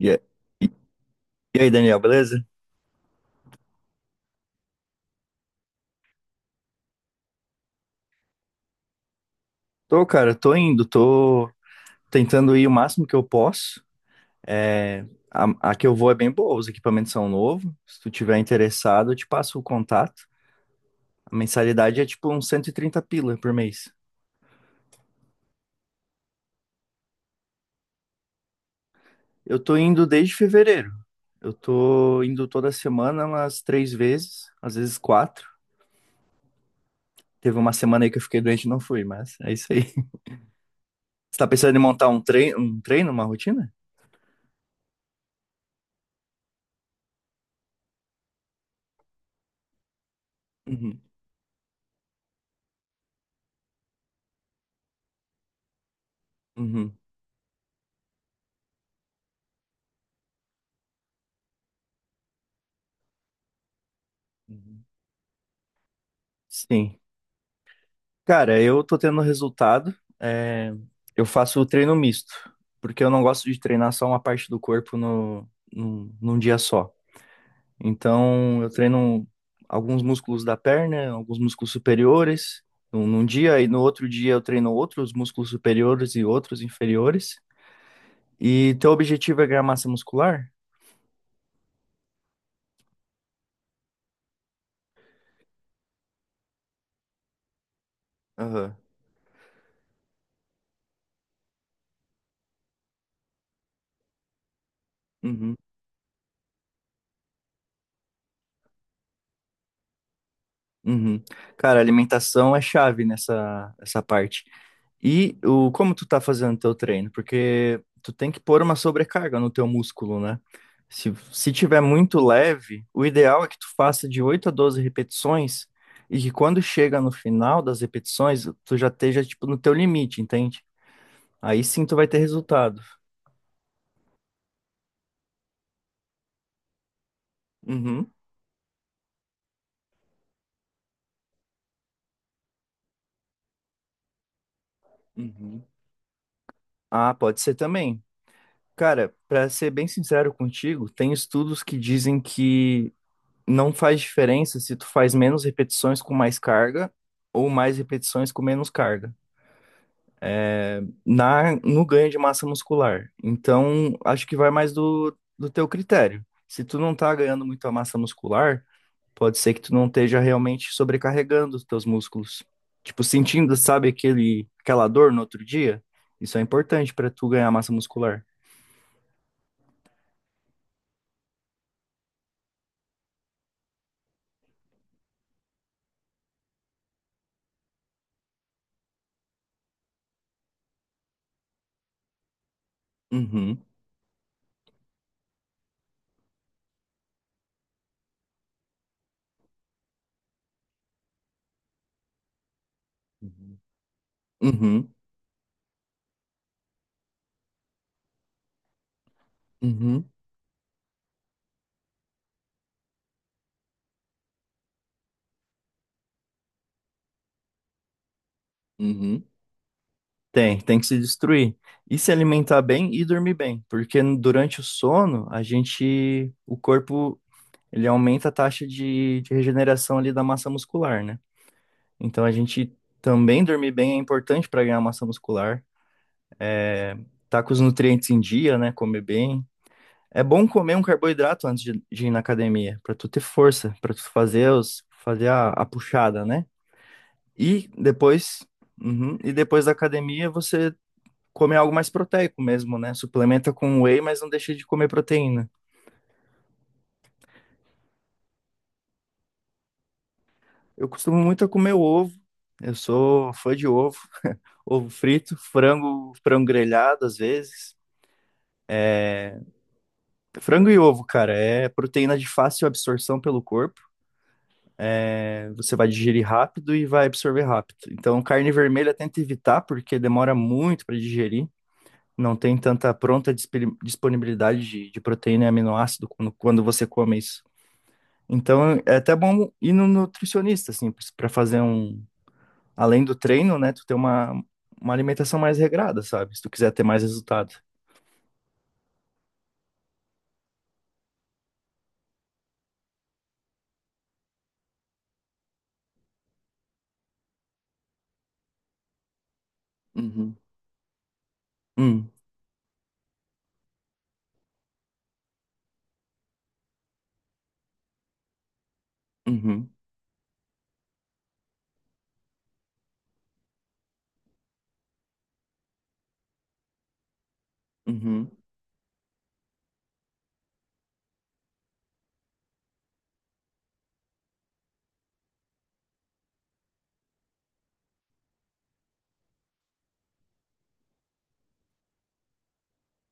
E a- e- e aí, Daniel, beleza? Tô, cara, tô indo, tô tentando ir o máximo que eu posso. É, a que eu vou é bem boa, os equipamentos são novos. Se tu tiver interessado, eu te passo o contato. A mensalidade é tipo uns 130 pila por mês. Eu tô indo desde fevereiro. Eu tô indo toda semana umas 3 vezes, às vezes 4. Teve uma semana aí que eu fiquei doente e não fui, mas é isso aí. Você tá pensando em montar um treino, uma rotina? Uhum, uhum. Uhum. Sim. Cara, eu tô tendo resultado. é, eu faço o treino misto, porque eu não gosto de treinar só uma parte do corpo no, num, num dia só. Então, eu treino alguns músculos da perna, alguns músculos superiores num dia, e no outro dia eu treino outros músculos superiores e outros inferiores. E teu objetivo é ganhar massa muscular? Aham. Uhum. Uhum. Cara, alimentação é chave nessa parte. E como tu tá fazendo teu treino? Porque tu tem que pôr uma sobrecarga no teu músculo, né? Se tiver muito leve, o ideal é que tu faça de 8 a 12 repetições e que quando chega no final das repetições, tu já esteja, tipo, no teu limite, entende? Aí sim tu vai ter resultado. Uhum. Uhum. Ah, pode ser também. Cara, pra ser bem sincero contigo, tem estudos que dizem que não faz diferença se tu faz menos repetições com mais carga ou mais repetições com menos carga na no ganho de massa muscular. Então, acho que vai mais do teu critério. Se tu não tá ganhando muita massa muscular, pode ser que tu não esteja realmente sobrecarregando os teus músculos. Tipo, sentindo, sabe, aquela dor no outro dia? Isso é importante para tu ganhar massa muscular. Uhum, uhum. Uhum, uhum, uhum. Tem que se destruir. E se alimentar bem e dormir bem, porque durante o sono, a gente, o corpo, ele aumenta a taxa de regeneração ali da massa muscular, né? Então a gente também dormir bem é importante para ganhar massa muscular, é, tá com os nutrientes em dia, né? Comer bem. É bom comer um carboidrato antes de ir na academia, para tu ter força, para tu fazer os, fazer a puxada, né? E depois, uhum, e depois da academia você comer algo mais proteico mesmo, né? Suplementa com whey, mas não deixa de comer proteína. Eu costumo muito a comer ovo. Eu sou fã de ovo, ovo frito, frango, frango grelhado às vezes. Frango e ovo, cara, é proteína de fácil absorção pelo corpo. É, Você vai digerir rápido e vai absorver rápido. Então, carne vermelha tenta evitar porque demora muito para digerir. Não tem tanta pronta disponibilidade de proteína e aminoácido quando você come isso. Então é até bom ir no nutricionista, assim, para fazer um. Além do treino, né? Tu ter uma alimentação mais regrada, sabe? Se tu quiser ter mais resultado. Uhum. Hum. Uhum. Uhum.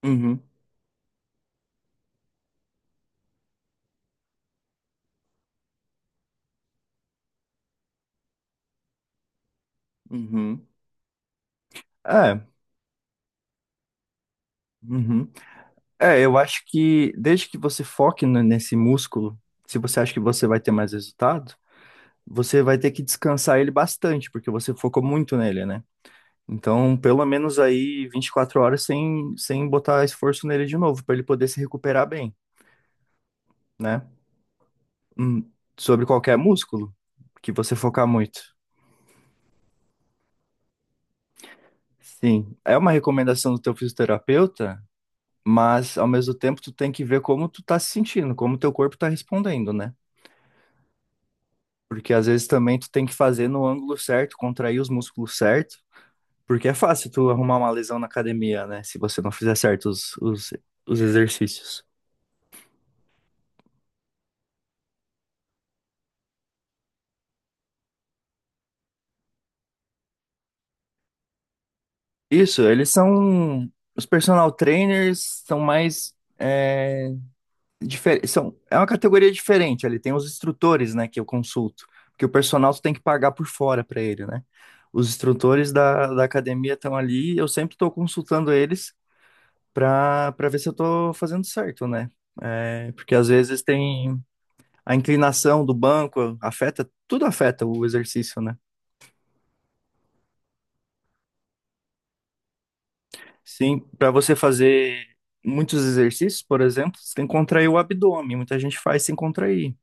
Uhum. Uhum. É. Uhum. É, eu acho que desde que você foque nesse músculo, se você acha que você vai ter mais resultado, você vai ter que descansar ele bastante, porque você focou muito nele, né? Então, pelo menos aí 24 horas sem botar esforço nele de novo, para ele poder se recuperar bem, né? Hum, sobre qualquer músculo que você focar muito. Sim, é uma recomendação do teu fisioterapeuta, mas ao mesmo tempo tu tem que ver como tu tá se sentindo, como teu corpo tá respondendo, né? Porque às vezes também tu tem que fazer no ângulo certo, contrair os músculos certo, porque é fácil tu arrumar uma lesão na academia, né? Se você não fizer certo os exercícios. Isso, eles são. Os personal trainers são mais. É, é uma categoria diferente. Ele tem os instrutores, né, que eu consulto. Porque o personal tu tem que pagar por fora para ele, né? Os instrutores da academia estão ali. Eu sempre estou consultando eles para ver se eu estou fazendo certo, né? É, porque às vezes tem a inclinação do banco, afeta, tudo afeta o exercício, né? Sim, para você fazer muitos exercícios, por exemplo, você tem que contrair o abdômen. Muita gente faz sem contrair.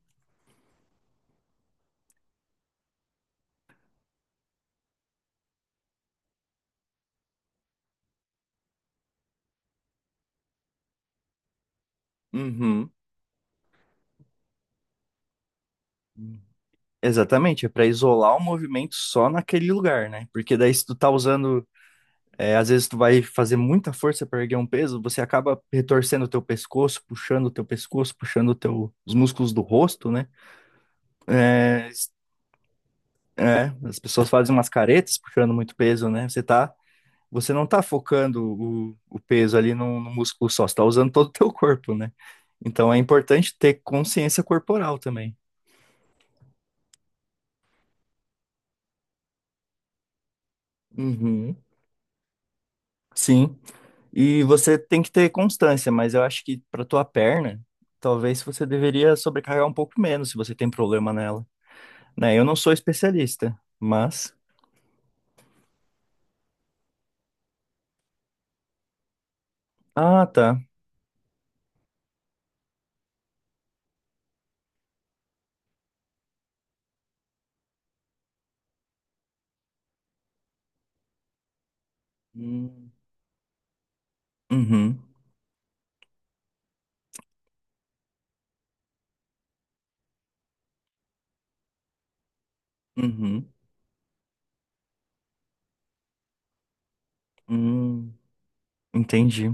Uhum. Exatamente, é para isolar o movimento só naquele lugar, né? Porque daí se tu tá usando, é, às vezes tu vai fazer muita força para erguer um peso, você acaba retorcendo o teu pescoço, puxando o teu pescoço, puxando o teu, os músculos do rosto, né? É, s- as pessoas fazem umas caretas puxando muito peso, né? Você não está focando o peso ali no músculo só, você está usando todo o teu corpo, né? Então é importante ter consciência corporal também. Uhum. Sim. E você tem que ter constância, mas eu acho que para tua perna, talvez você deveria sobrecarregar um pouco menos se você tem problema nela, né? Eu não sou especialista, mas ah, tá. Hum. Uhum. Uhum. Hum. Entendi.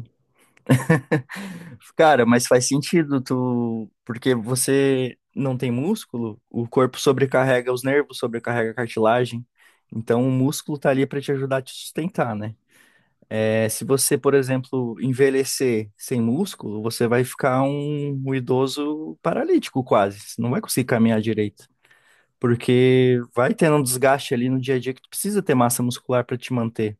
Cara, mas faz sentido tu, porque você não tem músculo, o corpo sobrecarrega os nervos, sobrecarrega a cartilagem. Então o músculo tá ali pra te ajudar a te sustentar, né? É, se você, por exemplo, envelhecer sem músculo, você vai ficar um, um idoso paralítico quase. Você não vai conseguir caminhar direito, porque vai tendo um desgaste ali no dia a dia que tu precisa ter massa muscular pra te manter.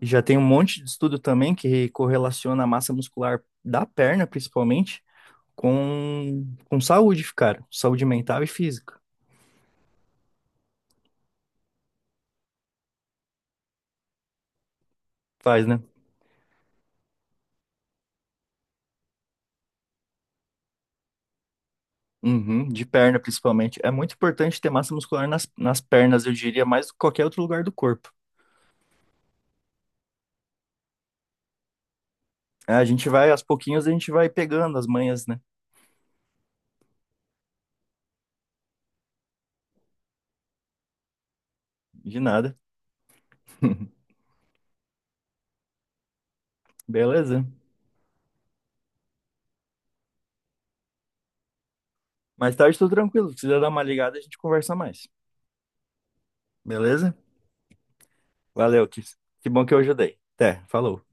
E já tem um monte de estudo também que correlaciona a massa muscular da perna, principalmente com saúde, cara. Saúde mental e física. Faz, né? Uhum, de perna, principalmente. É muito importante ter massa muscular nas pernas, eu diria, mais do que qualquer outro lugar do corpo. É, a gente vai, aos pouquinhos, a gente vai pegando as manhas, né? De nada. Beleza. Mais tarde, tô tranquilo. Se quiser dar uma ligada, a gente conversa mais. Beleza? Valeu, que bom que eu ajudei. Até, falou.